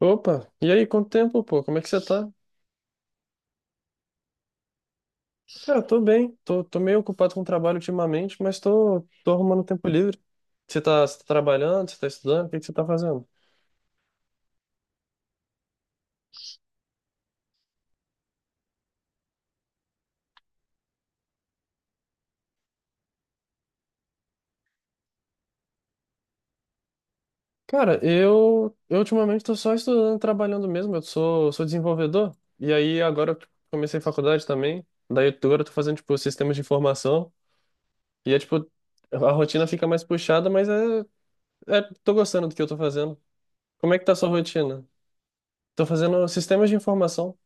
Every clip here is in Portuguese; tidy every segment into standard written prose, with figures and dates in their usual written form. Opa, e aí, quanto tempo, pô? Como é que você tá? Cara, tô bem, tô meio ocupado com o trabalho ultimamente, mas tô arrumando tempo livre. Você tá trabalhando, você tá estudando, o que que você tá fazendo? Cara, eu ultimamente tô só estudando, e trabalhando mesmo, eu sou desenvolvedor, e aí agora eu comecei faculdade também, agora eu tô fazendo, tipo, sistemas de informação, e é tipo, a rotina fica mais puxada, mas tô gostando do que eu tô fazendo. Como é que tá a sua rotina? Tô fazendo sistemas de informação.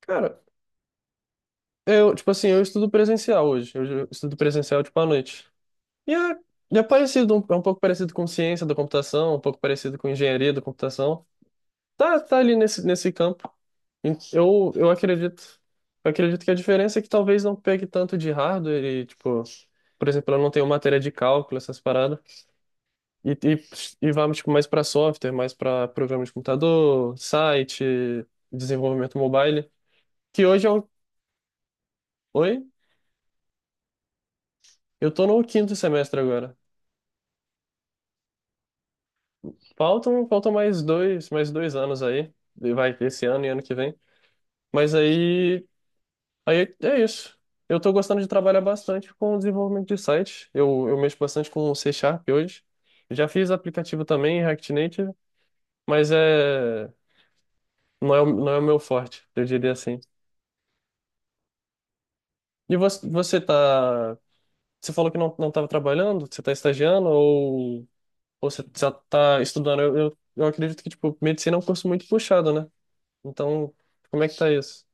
Cara, tipo assim, eu estudo presencial hoje. Estudo presencial, tipo, à noite. E é, e é parecido, é um pouco parecido com ciência da computação, um pouco parecido com engenharia da computação. Tá ali nesse campo. Eu acredito. Eu acredito que a diferença é que talvez não pegue tanto de hardware e, tipo, por exemplo, eu não tenho matéria de cálculo, essas paradas. E, e, e vamos, tipo, mais para software, mais para programa de computador, site, desenvolvimento mobile. Que hoje é o. Oi? Eu tô no quinto semestre agora. Faltam mais dois anos aí. E vai, esse ano e ano que vem. Mas aí é isso. Eu tô gostando de trabalhar bastante com o desenvolvimento de site. Eu mexo bastante com C Sharp hoje. Já fiz aplicativo também em React Native, mas não é o meu forte, eu diria assim. E você falou que não estava trabalhando, você tá estagiando ou você já tá estudando? Eu acredito que, tipo, medicina é um curso muito puxado, né? Então, como é que tá isso?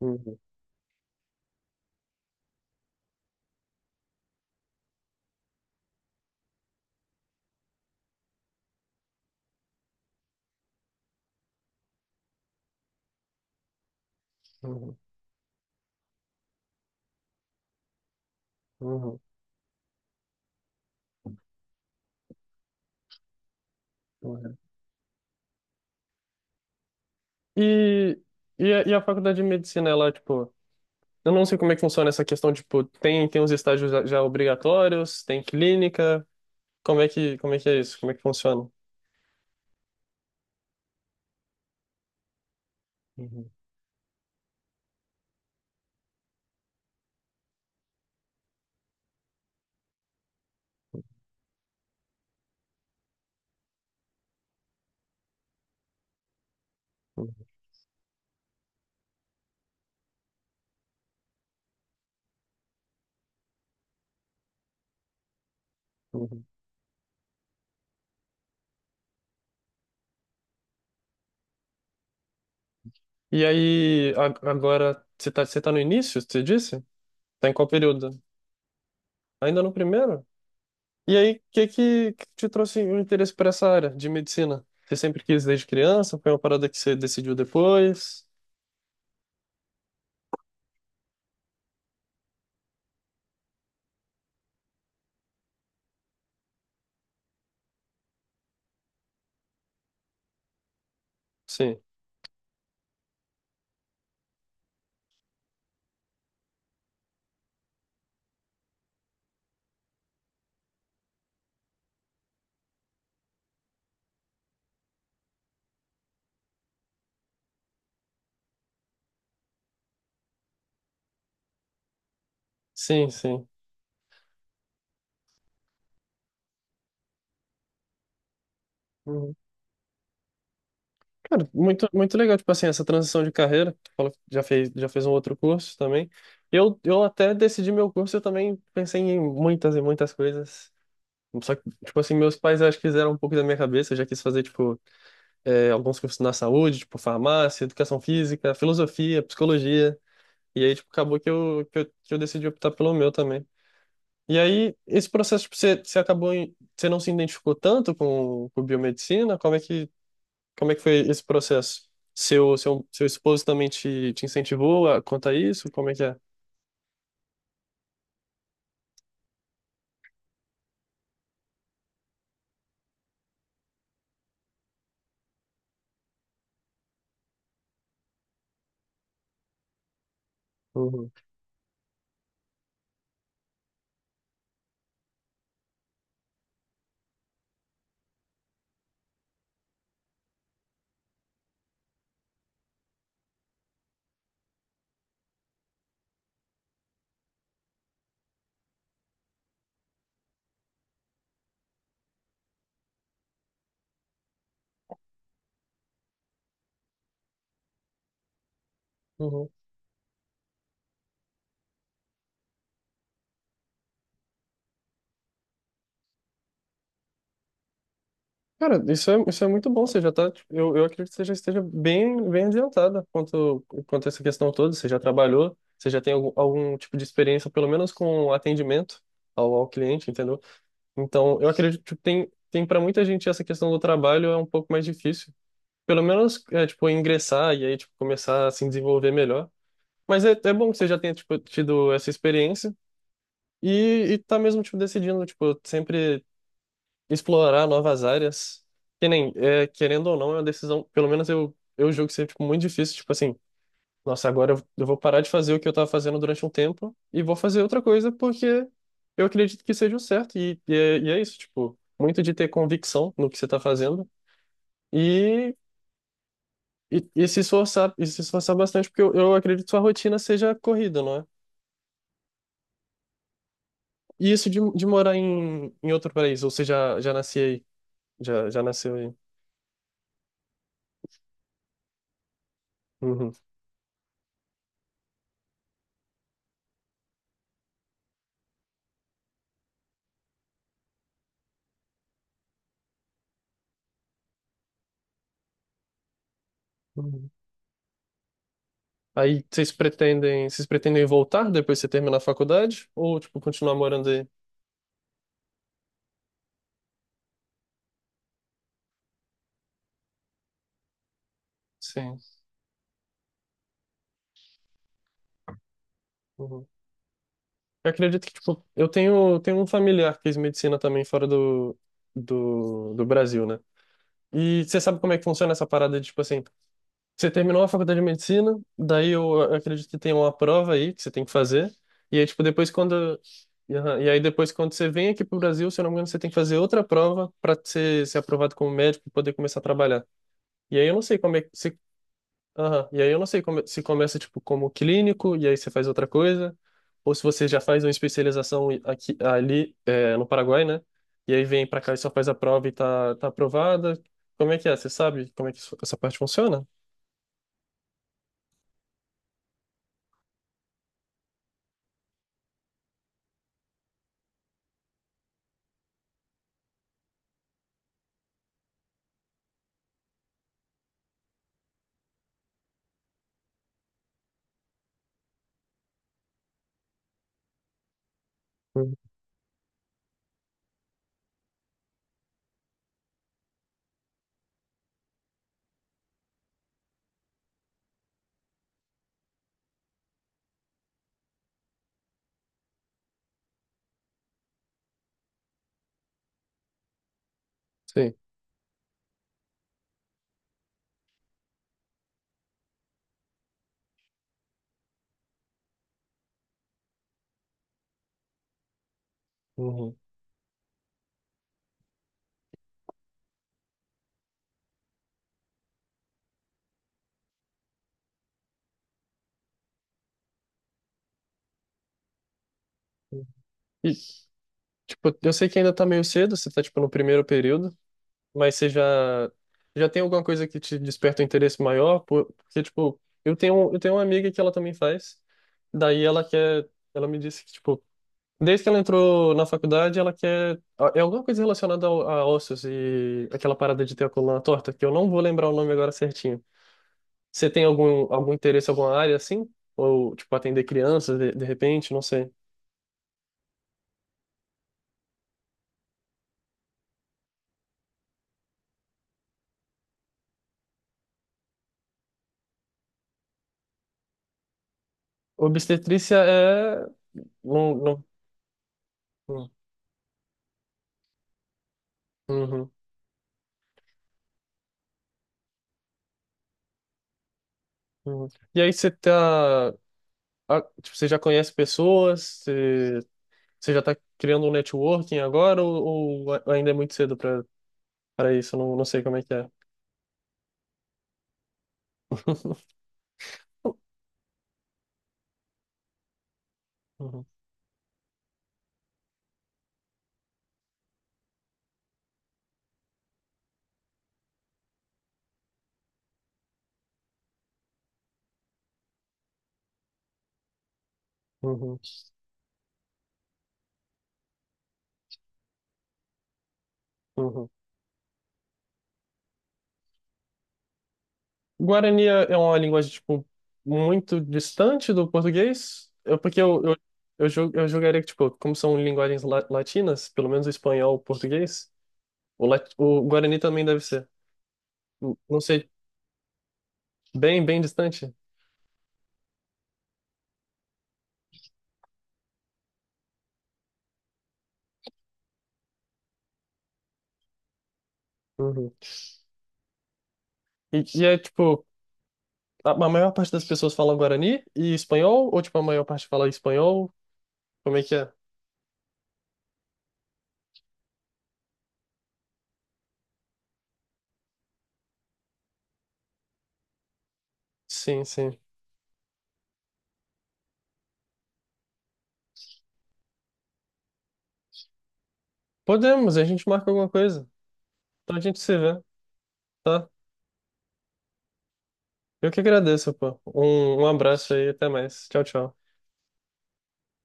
Hum. Uhum, uhum, uhum. E, e a faculdade de medicina, ela, tipo, eu não sei como é que funciona essa questão, tipo, tem os estágios já obrigatórios, tem clínica, como é que é isso? Como é que funciona? Uhum, uhum, uhum. E aí, agora, você tá no início, você disse? Tá em qual período? Ainda no primeiro? E aí, que te trouxe o interesse por essa área de medicina? Você sempre quis desde criança? Foi uma parada que você decidiu depois? Sim, sim, sim. Cara, muito, muito legal, tipo assim, essa transição de carreira. Tu falou que já fez um outro curso também. Eu até decidi meu curso, eu também pensei em muitas e muitas coisas. Só que, tipo assim, meus pais acho que fizeram um pouco da minha cabeça. Eu já quis fazer, tipo, alguns cursos na saúde, tipo, farmácia, educação física, filosofia, psicologia. E aí, tipo, acabou que eu decidi optar pelo meu também. E aí, esse processo, tipo, você não se identificou tanto com biomedicina? Como é que foi esse processo? Seu esposo também te incentivou a contar isso? Como é que é? Uhum, uhum. Cara, isso é muito bom. Você já tá, tipo, eu acredito que você já esteja bem, bem adiantada quanto a essa questão toda. Você já trabalhou, você já tem algum tipo de experiência, pelo menos com atendimento ao cliente, entendeu? Então, eu acredito que tem para muita gente essa questão do trabalho é um pouco mais difícil. Pelo menos, tipo, ingressar e aí, tipo, começar a se desenvolver melhor. Mas é bom que você já tenha, tipo, tido essa experiência e tá mesmo, tipo, decidindo, tipo, sempre explorar novas áreas. Que nem, querendo ou não, é uma decisão, pelo menos eu julgo ser, tipo, muito difícil, tipo assim, nossa, agora eu vou parar de fazer o que eu tava fazendo durante um tempo e vou fazer outra coisa porque eu acredito que seja o certo e é isso, tipo, muito de ter convicção no que você tá fazendo. E e se esforçar bastante, porque eu acredito que sua rotina seja corrida, não é? E isso de morar em outro país, ou você já nasci aí? Já nasceu aí? Uhum. Uhum. Aí vocês pretendem voltar depois que você terminar a faculdade? Ou, tipo, continuar morando aí? Sim. Uhum. Eu acredito que, tipo, eu tenho um familiar que fez medicina também fora do Brasil, né? E você sabe como é que funciona essa parada de, tipo assim, você terminou a faculdade de medicina, daí eu acredito que tem uma prova aí que você tem que fazer. E aí, tipo, depois quando. E aham, e aí depois quando você vem aqui pro Brasil, se eu não me engano, você tem que fazer outra prova para ser aprovado como médico e poder começar a trabalhar. E aí eu não sei como é que se. Aham, e aí eu não sei como, se começa, tipo, como clínico, e aí você faz outra coisa, ou se você já faz uma especialização aqui, ali, no Paraguai, né? E aí vem pra cá e só faz a prova e tá aprovada. Como é que é? Você sabe como é que essa parte funciona? Hum, Sim. Uhum. E, tipo, eu sei que ainda tá meio cedo, você tá, tipo, no primeiro período, mas você já tem alguma coisa que te desperta um interesse maior? Porque, tipo, eu tenho uma amiga que ela também faz, daí ela quer, ela me disse que, tipo, desde que ela entrou na faculdade, ela quer, é alguma coisa relacionada a ossos e aquela parada de ter a coluna torta, que eu não vou lembrar o nome agora certinho. Você tem algum interesse, alguma área, assim? Ou, tipo, atender crianças, de repente, não sei. Obstetrícia é? Não, não. Hum. Uhum, uhum. E aí você tá, ah, tipo, você já conhece pessoas, você, você já tá criando um networking agora ou ainda é muito cedo para isso? Eu não sei como é que é. Uhum, uhum, uhum. Guarani é uma linguagem tipo muito distante do português? Porque eu julgaria que tipo, como são linguagens latinas, pelo menos o espanhol, o português, o Guarani também deve ser. Não sei, bem bem distante. Uhum. E é tipo a maior parte das pessoas fala Guarani e espanhol? Ou, tipo, a maior parte fala espanhol? Como é que é? Sim, sim. Podemos, a gente marca alguma coisa. Então a gente se vê, tá? Eu que agradeço, pô. Um abraço aí, até mais. Tchau, tchau.